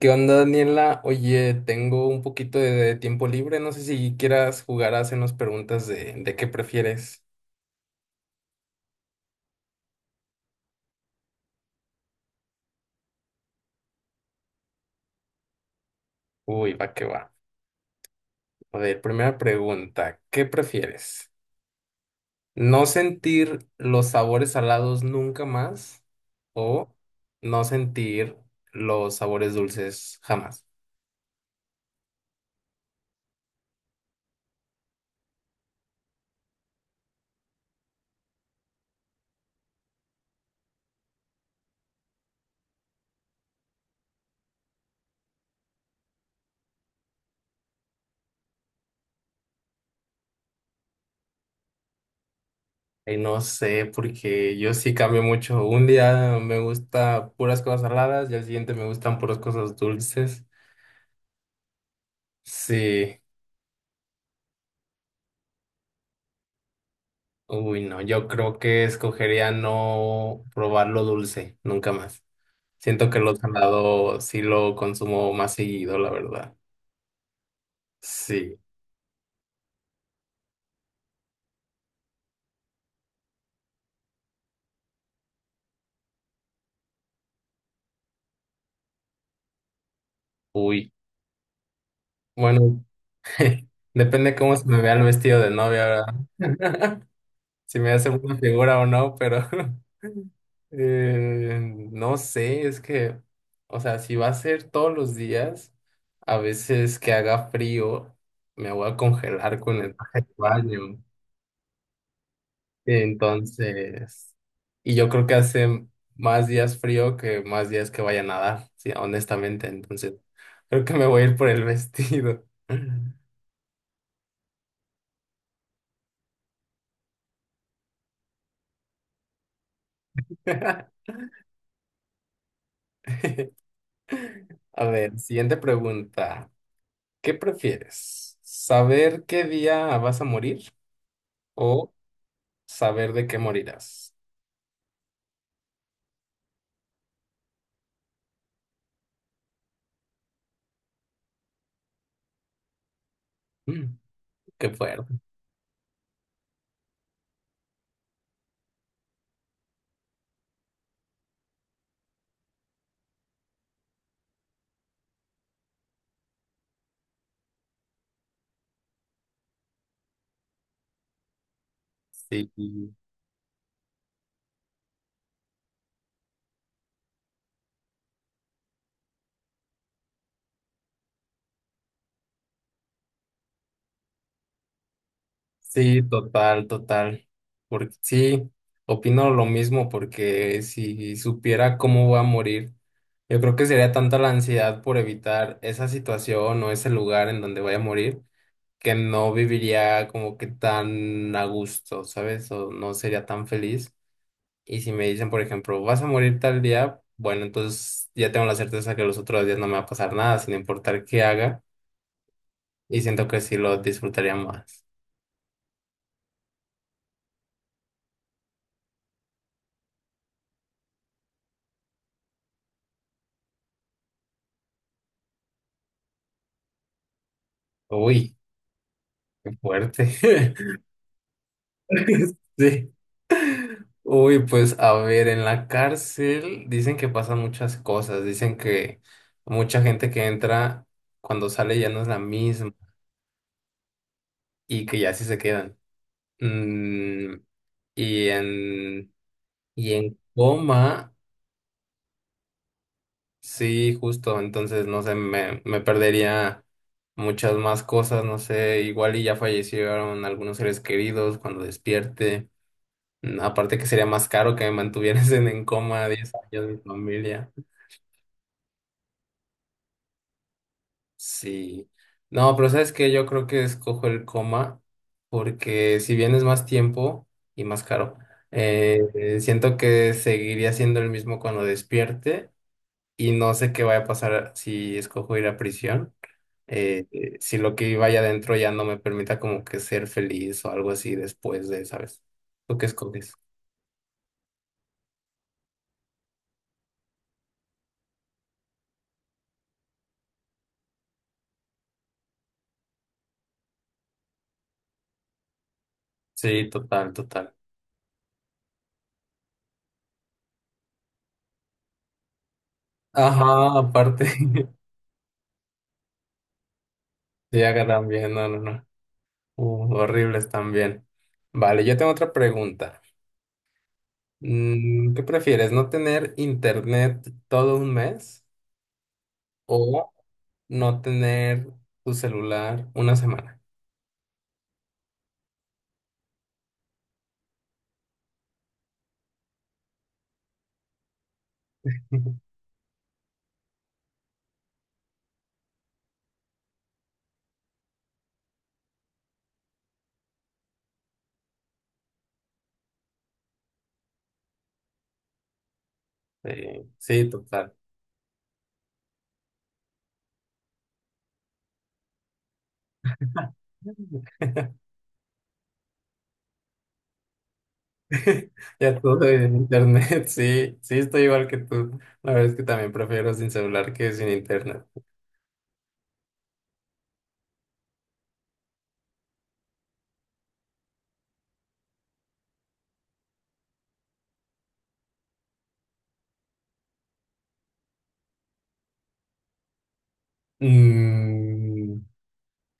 ¿Qué onda, Daniela? Oye, tengo un poquito de tiempo libre. No sé si quieras jugar a hacernos preguntas de qué prefieres. Uy, va que va. A ver, primera pregunta. ¿Qué prefieres? ¿No sentir los sabores salados nunca más o no sentir los sabores dulces jamás? Y no sé, porque yo sí cambio mucho. Un día me gusta puras cosas saladas y al siguiente me gustan puras cosas dulces. Sí. Uy, no, yo creo que escogería no probar lo dulce, nunca más. Siento que lo salado sí lo consumo más seguido, la verdad. Sí, uy. Bueno, depende cómo se me vea el vestido de novia, ¿verdad? Si me hace una figura o no, pero eh, no sé, es que, o sea, si va a ser todos los días, a veces que haga frío, me voy a congelar con el traje de baño. Entonces, y yo creo que hace más días frío que más días que vaya a nadar, sí, honestamente. Entonces, creo que me voy a ir por el vestido. A ver, siguiente pregunta. ¿Qué prefieres? ¿Saber qué día vas a morir o saber de qué morirás? Mm, qué fuerte. Sí. Sí, total, total. Porque sí, opino lo mismo, porque si supiera cómo voy a morir, yo creo que sería tanta la ansiedad por evitar esa situación o ese lugar en donde voy a morir, que no viviría como que tan a gusto, ¿sabes? O no sería tan feliz. Y si me dicen, por ejemplo, vas a morir tal día, bueno, entonces ya tengo la certeza que los otros días no me va a pasar nada, sin importar qué haga, y siento que sí lo disfrutaría más. Uy, qué fuerte. Sí. Uy, pues a ver, en la cárcel dicen que pasan muchas cosas, dicen que mucha gente que entra cuando sale ya no es la misma y que ya sí se quedan. Mm, y en, y en coma, sí, justo, entonces no sé, me perdería muchas más cosas, no sé, igual y ya fallecieron algunos seres queridos cuando despierte. Aparte que sería más caro que me mantuvieras en coma 10 años mi familia. Sí. No, pero sabes que yo creo que escojo el coma porque si bien es más tiempo y más caro, siento que seguiría siendo el mismo cuando despierte y no sé qué vaya a pasar si escojo ir a prisión, si lo que vaya adentro ya no me permita como que ser feliz o algo así después de, ¿sabes? ¿Tú qué escoges? Sí, total, total. Ajá, aparte, sí, acá también, no, no, no. Horribles también. Vale, yo tengo otra pregunta. ¿Qué prefieres? ¿No tener internet todo un mes o no tener tu celular una semana? Sí, sí, total. Ya todo de internet, sí, sí, estoy igual que tú. La verdad es que también prefiero sin celular que sin internet. Mm,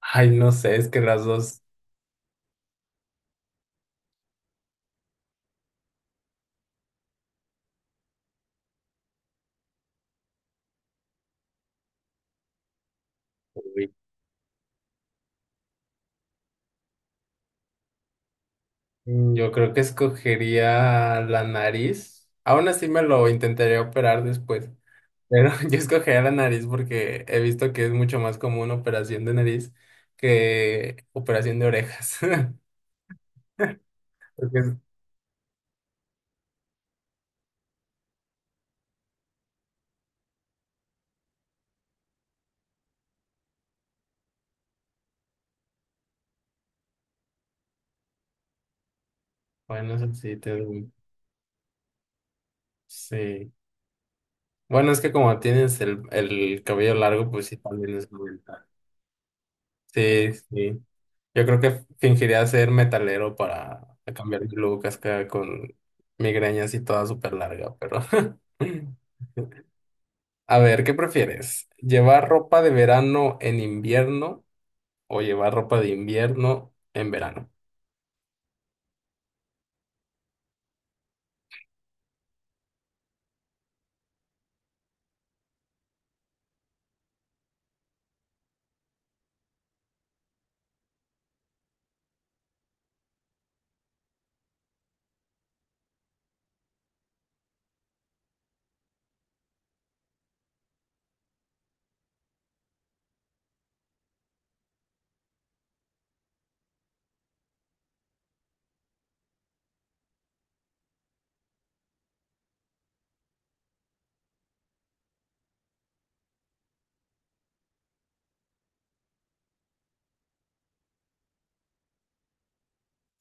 ay, no sé, es que las dos. Uy. Yo creo que escogería la nariz. Aún así me lo intentaría operar después. Pero yo escogería la nariz porque he visto que es mucho más común operación de nariz que operación de orejas. Porque bueno, eso sí, sí. Bueno, es que como tienes el cabello largo, pues sí, también es una ventaja. Sí, sí. Yo creo que fingiría ser metalero para cambiar mi look acá con migrañas y toda súper larga, pero... A ver, ¿qué prefieres? ¿Llevar ropa de verano en invierno o llevar ropa de invierno en verano?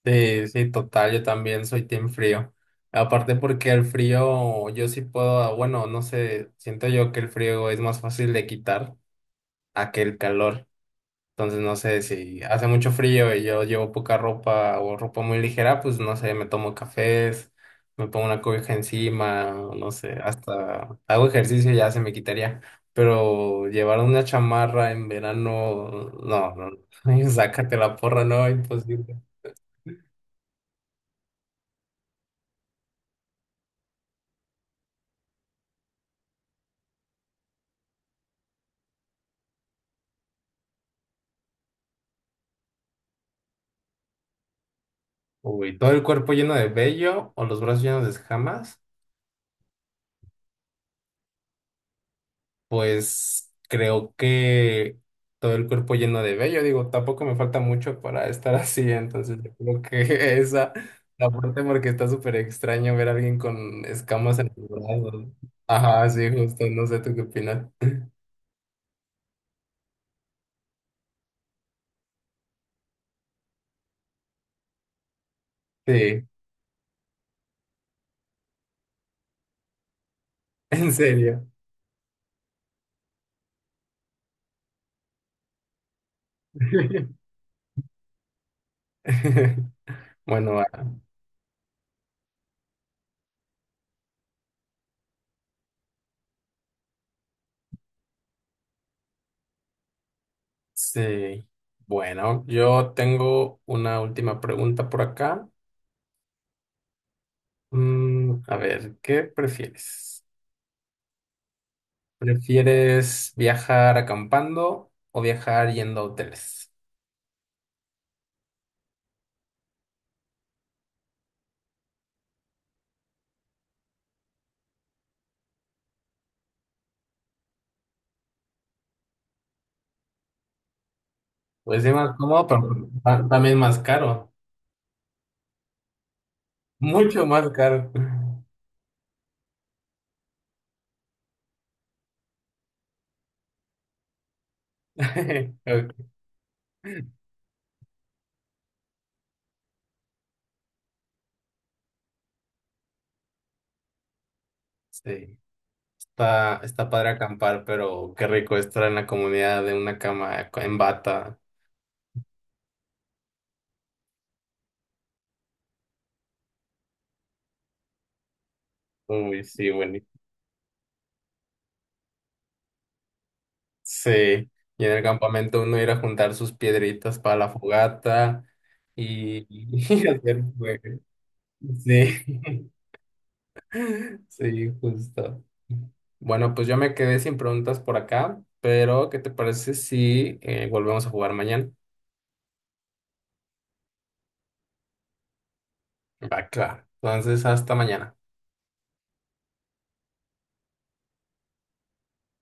Sí, sí, total, yo también soy team frío. Aparte porque el frío, yo sí puedo, bueno, no sé, siento yo que el frío es más fácil de quitar a que el calor. Entonces no sé si hace mucho frío y yo llevo poca ropa o ropa muy ligera, pues no sé, me tomo cafés, me pongo una cobija encima, o no sé, hasta hago ejercicio y ya se me quitaría. Pero llevar una chamarra en verano, no, no, no, sácate la porra, no, imposible. Uy, todo el cuerpo lleno de vello o los brazos llenos de escamas. Pues creo que todo el cuerpo lleno de vello, digo, tampoco me falta mucho para estar así, entonces yo creo que esa la parte porque está súper extraño ver a alguien con escamas en los brazos. Ajá, sí, justo, no sé tú qué opinas. Sí, en serio. Bueno, ah, sí. Bueno, yo tengo una última pregunta por acá. A ver, ¿qué prefieres? ¿Prefieres viajar acampando o viajar yendo a hoteles? Pues es más cómodo, pero también más caro. Mucho más caro. Ok, sí, está, está padre acampar, pero qué rico estar en la comunidad de una cama en bata. Uy, sí, bueno. Sí, y en el campamento uno ir a juntar sus piedritas para la fogata y, y hacer fuego. Sí. Sí, justo. Bueno, pues yo me quedé sin preguntas por acá, pero ¿qué te parece si volvemos a jugar mañana? Va, claro. Entonces, hasta mañana.